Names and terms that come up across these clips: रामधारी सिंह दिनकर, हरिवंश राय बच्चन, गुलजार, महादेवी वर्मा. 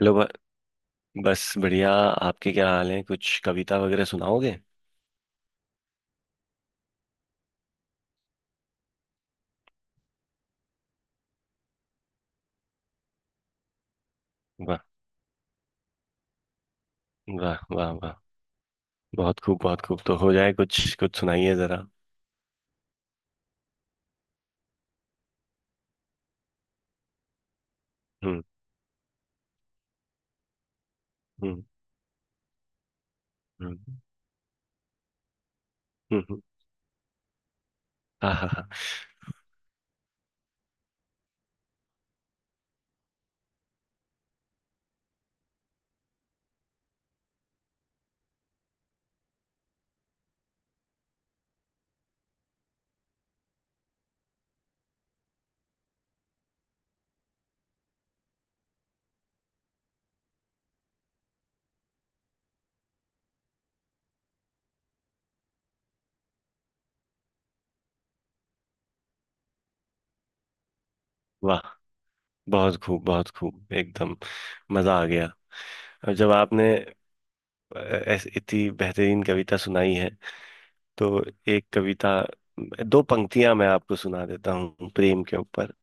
Hello बस बढ़िया। आपके क्या हाल है? कुछ कविता वगैरह सुनाओगे? वाह वाह वाह वाह। बहुत खूब बहुत खूब। तो हो जाए, कुछ कुछ सुनाइए जरा। हम्म। हम्म। हम्म। हम्म। हाँ हाँ हाँ। वाह। बहुत खूब एकदम। मजा आ गया। और जब आपने इतनी बेहतरीन कविता सुनाई है, तो एक कविता, दो पंक्तियां मैं आपको सुना देता हूँ प्रेम के ऊपर।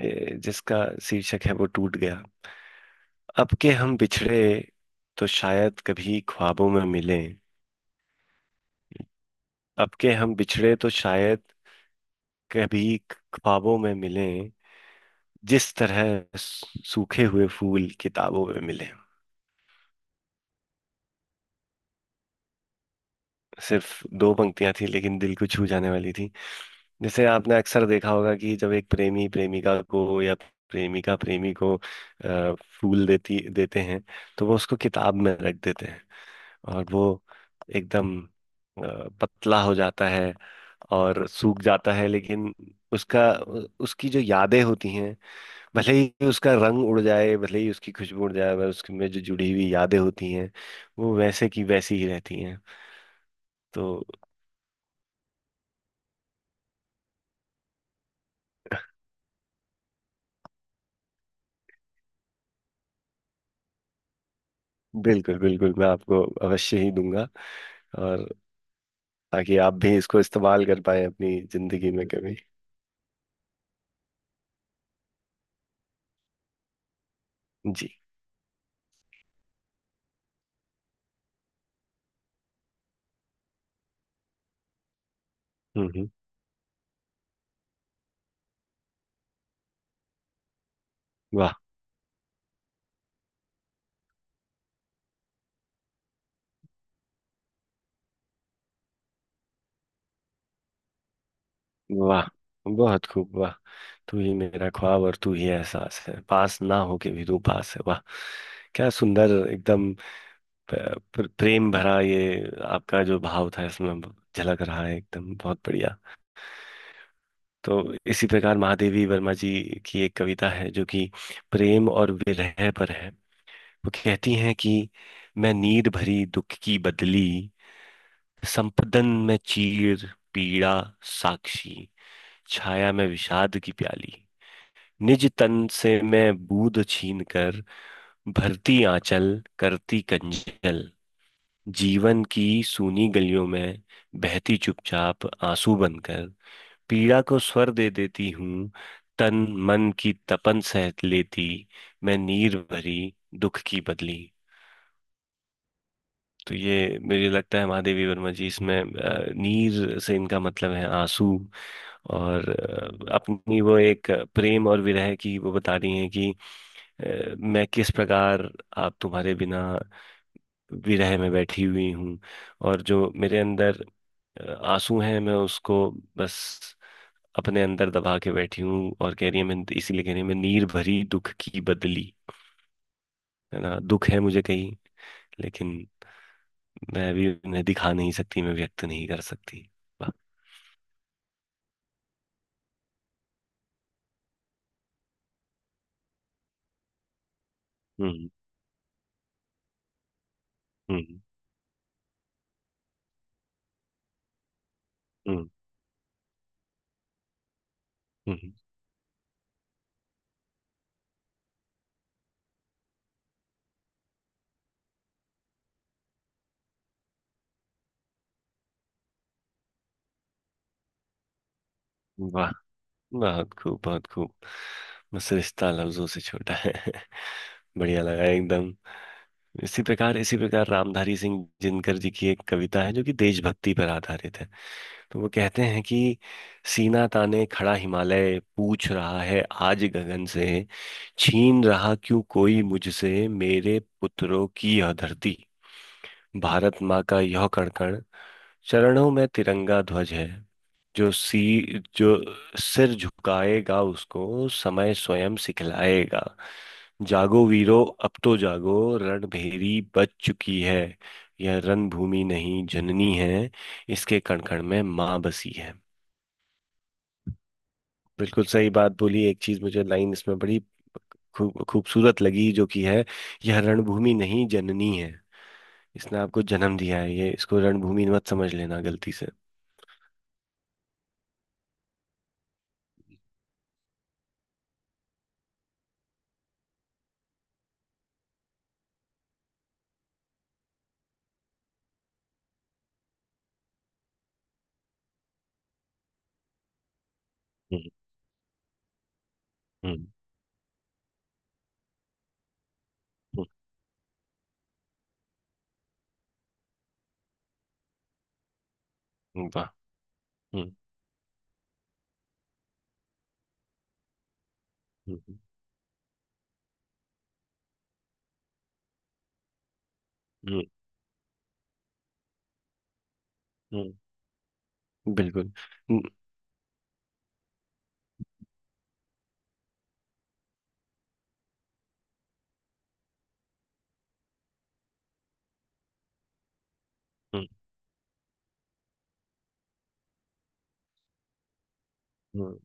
जिसका शीर्षक है वो टूट गया। अब के हम बिछड़े तो शायद कभी ख्वाबों में मिलें। अब के हम बिछड़े तो शायद कभी ख्वाबों में मिलें, जिस तरह सूखे हुए फूल किताबों में मिले। सिर्फ दो पंक्तियां थी लेकिन दिल को छू जाने वाली थी। जैसे आपने अक्सर देखा होगा कि जब एक प्रेमी प्रेमिका को या प्रेमिका प्रेमी को फूल देती देते हैं, तो वो उसको किताब में रख देते हैं। और वो एकदम पतला हो जाता है और सूख जाता है। लेकिन उसका उसकी जो यादें होती हैं, भले ही उसका रंग उड़ जाए, भले ही उसकी खुशबू उड़ जाए, पर उसके में जो जुड़ी हुई यादें होती हैं वो वैसे की वैसी ही रहती हैं। तो बिल्कुल बिल्कुल, मैं आपको अवश्य ही दूंगा। और ताकि आप भी इसको इस्तेमाल कर पाए अपनी जिंदगी में कभी। जी। हम्म। हम्म। वाह। वाह बहुत खूब वाह। तू ही मेरा ख्वाब और तू ही एहसास है, पास ना होके भी तू पास है। वाह। क्या सुंदर एकदम प्रेम भरा ये आपका जो भाव था, इसमें झलक रहा है एकदम। बहुत बढ़िया। तो इसी प्रकार महादेवी वर्मा जी की एक कविता है जो कि प्रेम और विरह पर है। वो कहती हैं कि मैं नीर भरी दुख की बदली, संपदन में चीर, पीड़ा साक्षी, छाया में विषाद की प्याली, निज तन से मैं बूंद छीन कर भरती आंचल, करती कंजल, जीवन की सूनी गलियों में बहती चुपचाप आंसू बनकर, पीड़ा को स्वर दे देती हूँ, तन मन की तपन सह लेती, मैं नीर भरी दुख की बदली। तो ये मुझे लगता है, महादेवी वर्मा जी इसमें नीर से इनका मतलब है आंसू। और अपनी वो एक प्रेम और विरह की वो बता रही हैं कि मैं किस प्रकार, आप तुम्हारे बिना विरह में बैठी हुई हूँ। और जो मेरे अंदर आंसू हैं मैं उसको बस अपने अंदर दबा के बैठी हूँ, और कह रही है मैं, इसीलिए कह रही है मैं नीर भरी दुख की बदली। है ना? दुख है मुझे कहीं, लेकिन मैं अभी उन्हें दिखा नहीं सकती, मैं व्यक्त नहीं कर सकती। वाह। हम्म। हम्म। हम्म। हम्म। वाह बहुत खूब बहुत खूब। बस रिश्ता लफ्जों से छोटा है। बढ़िया लगा एकदम। इसी प्रकार, इसी प्रकार, रामधारी सिंह दिनकर जी की एक कविता है जो कि देशभक्ति पर आधारित है। तो वो कहते हैं कि सीना ताने खड़ा हिमालय पूछ रहा है आज गगन से, छीन रहा क्यों कोई मुझसे मेरे पुत्रों की यह धरती। भारत माँ का यह कण कण, चरणों में तिरंगा ध्वज है। जो सी जो सिर झुकाएगा उसको समय स्वयं सिखलाएगा। जागो वीरो, अब तो जागो। रणभेरी बज चुकी है। यह रणभूमि नहीं जननी है। इसके कण कण में माँ बसी है। बिल्कुल सही बात बोली। एक चीज मुझे, लाइन इसमें बड़ी खूब खूबसूरत लगी जो कि है, यह रणभूमि नहीं जननी है। इसने आपको जन्म दिया है, ये इसको रणभूमि मत समझ लेना गलती से। हम्म। हम्म। हम्म। वाह। हम्म। हम्म। हम्म। हम्म। बिल्कुल। न- हम्म। हम्म।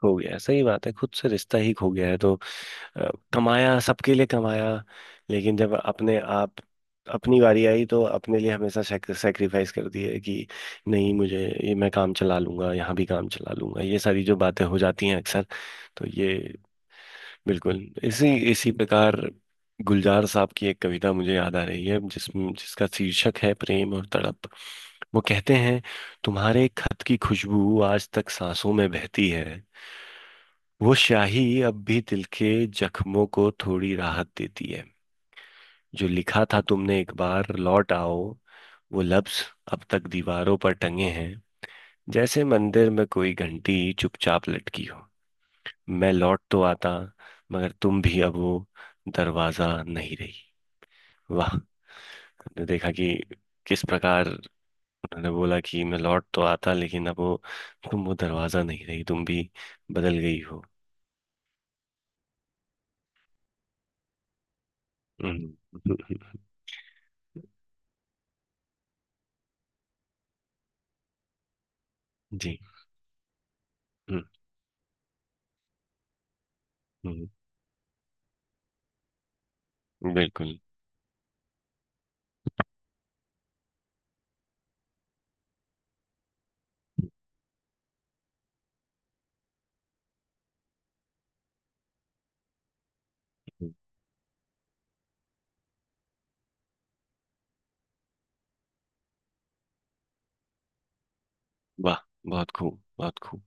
खो गया, सही बात है। खुद से रिश्ता ही खो गया है, तो अ, कमाया, सबके लिए कमाया। लेकिन जब अपने आप, अपनी बारी आई तो अपने लिए हमेशा सेक्रीफाइस कर दिए कि नहीं मुझे, ये मैं काम चला लूंगा, यहाँ भी काम चला लूंगा, ये सारी जो बातें हो जाती हैं अक्सर। तो ये, बिल्कुल। इसी इसी प्रकार गुलजार साहब की एक कविता मुझे याद आ रही है, जिसका शीर्षक है प्रेम और तड़प। वो कहते हैं, तुम्हारे खत की खुशबू आज तक सांसों में बहती है, वो स्याही अब भी दिल के जख्मों को थोड़ी राहत देती है, जो लिखा था तुमने, एक बार लौट आओ, वो लफ्ज अब तक दीवारों पर टंगे हैं, जैसे मंदिर में कोई घंटी चुपचाप लटकी हो, मैं लौट तो आता, मगर तुम भी अब वो दरवाजा नहीं रही। वाह। हमने देखा कि किस प्रकार उन्होंने बोला कि मैं लौट तो आता, लेकिन अब वो, तुम वो दरवाजा नहीं रही, तुम भी बदल गई हो। हम्म। जी। हम्म। हम्म। बिल्कुल। हम्म। वाह बहुत खूब बहुत खूब।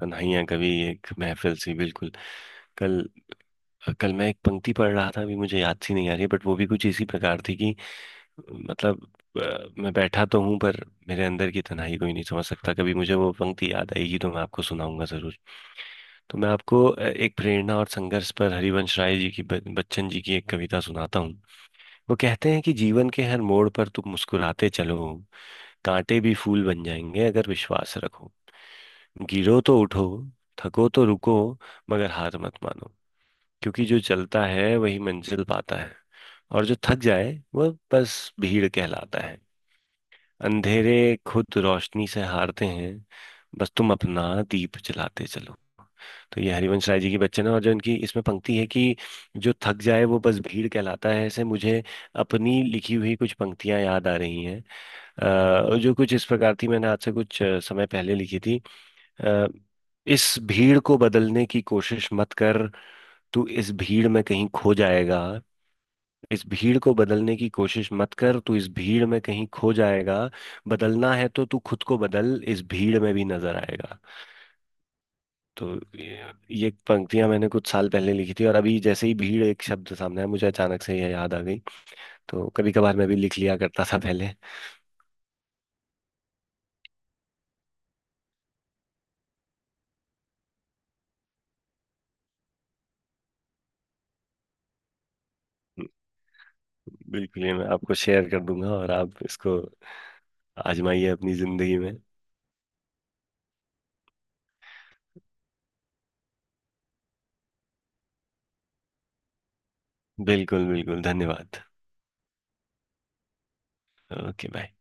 तन्हाइयां कभी एक महफिल सी, बिल्कुल। कल कल मैं एक पंक्ति पढ़ रहा था, अभी मुझे याद सी नहीं आ रही, बट वो भी कुछ इसी प्रकार थी कि मतलब मैं बैठा तो हूँ पर मेरे अंदर की तन्हाई कोई नहीं समझ सकता। कभी मुझे वो पंक्ति याद आएगी तो मैं आपको सुनाऊंगा जरूर। तो मैं आपको एक प्रेरणा और संघर्ष पर, हरिवंश राय जी की बच्चन जी की एक कविता सुनाता हूँ। वो कहते हैं कि जीवन के हर मोड़ पर तुम मुस्कुराते चलो, कांटे भी फूल बन जाएंगे अगर विश्वास रखो। गिरो तो उठो, थको तो रुको, मगर हार मत मानो। क्योंकि जो चलता है वही मंजिल पाता है, और जो थक जाए वह बस भीड़ कहलाता है। अंधेरे खुद रोशनी से हारते हैं, बस तुम अपना दीप जलाते चलो। तो ये हरिवंश राय जी की बच्चन है, और जो इनकी इसमें पंक्ति है कि जो थक जाए वो बस भीड़ कहलाता है, ऐसे मुझे अपनी लिखी हुई कुछ पंक्तियां याद आ रही हैं। जो कुछ इस प्रकार थी, मैंने आज से कुछ समय पहले लिखी थी। अ, इस भीड़ को बदलने की कोशिश मत कर, तू इस भीड़ में कहीं खो जाएगा। इस भीड़ को बदलने की कोशिश मत कर, तू इस भीड़ में कहीं खो जाएगा। बदलना है तो तू खुद को बदल, इस भीड़ में भी नजर आएगा। तो ये ये पंक्तियां मैंने कुछ साल पहले लिखी थी, और अभी जैसे ही भीड़ एक शब्द सामने आया मुझे अचानक से यह याद आ गई। तो कभी कभार मैं भी लिख लिया करता था पहले। बिल्कुल, ये मैं आपको शेयर कर दूंगा और आप इसको आजमाइए अपनी जिंदगी में। बिल्कुल बिल्कुल धन्यवाद। Okay bye.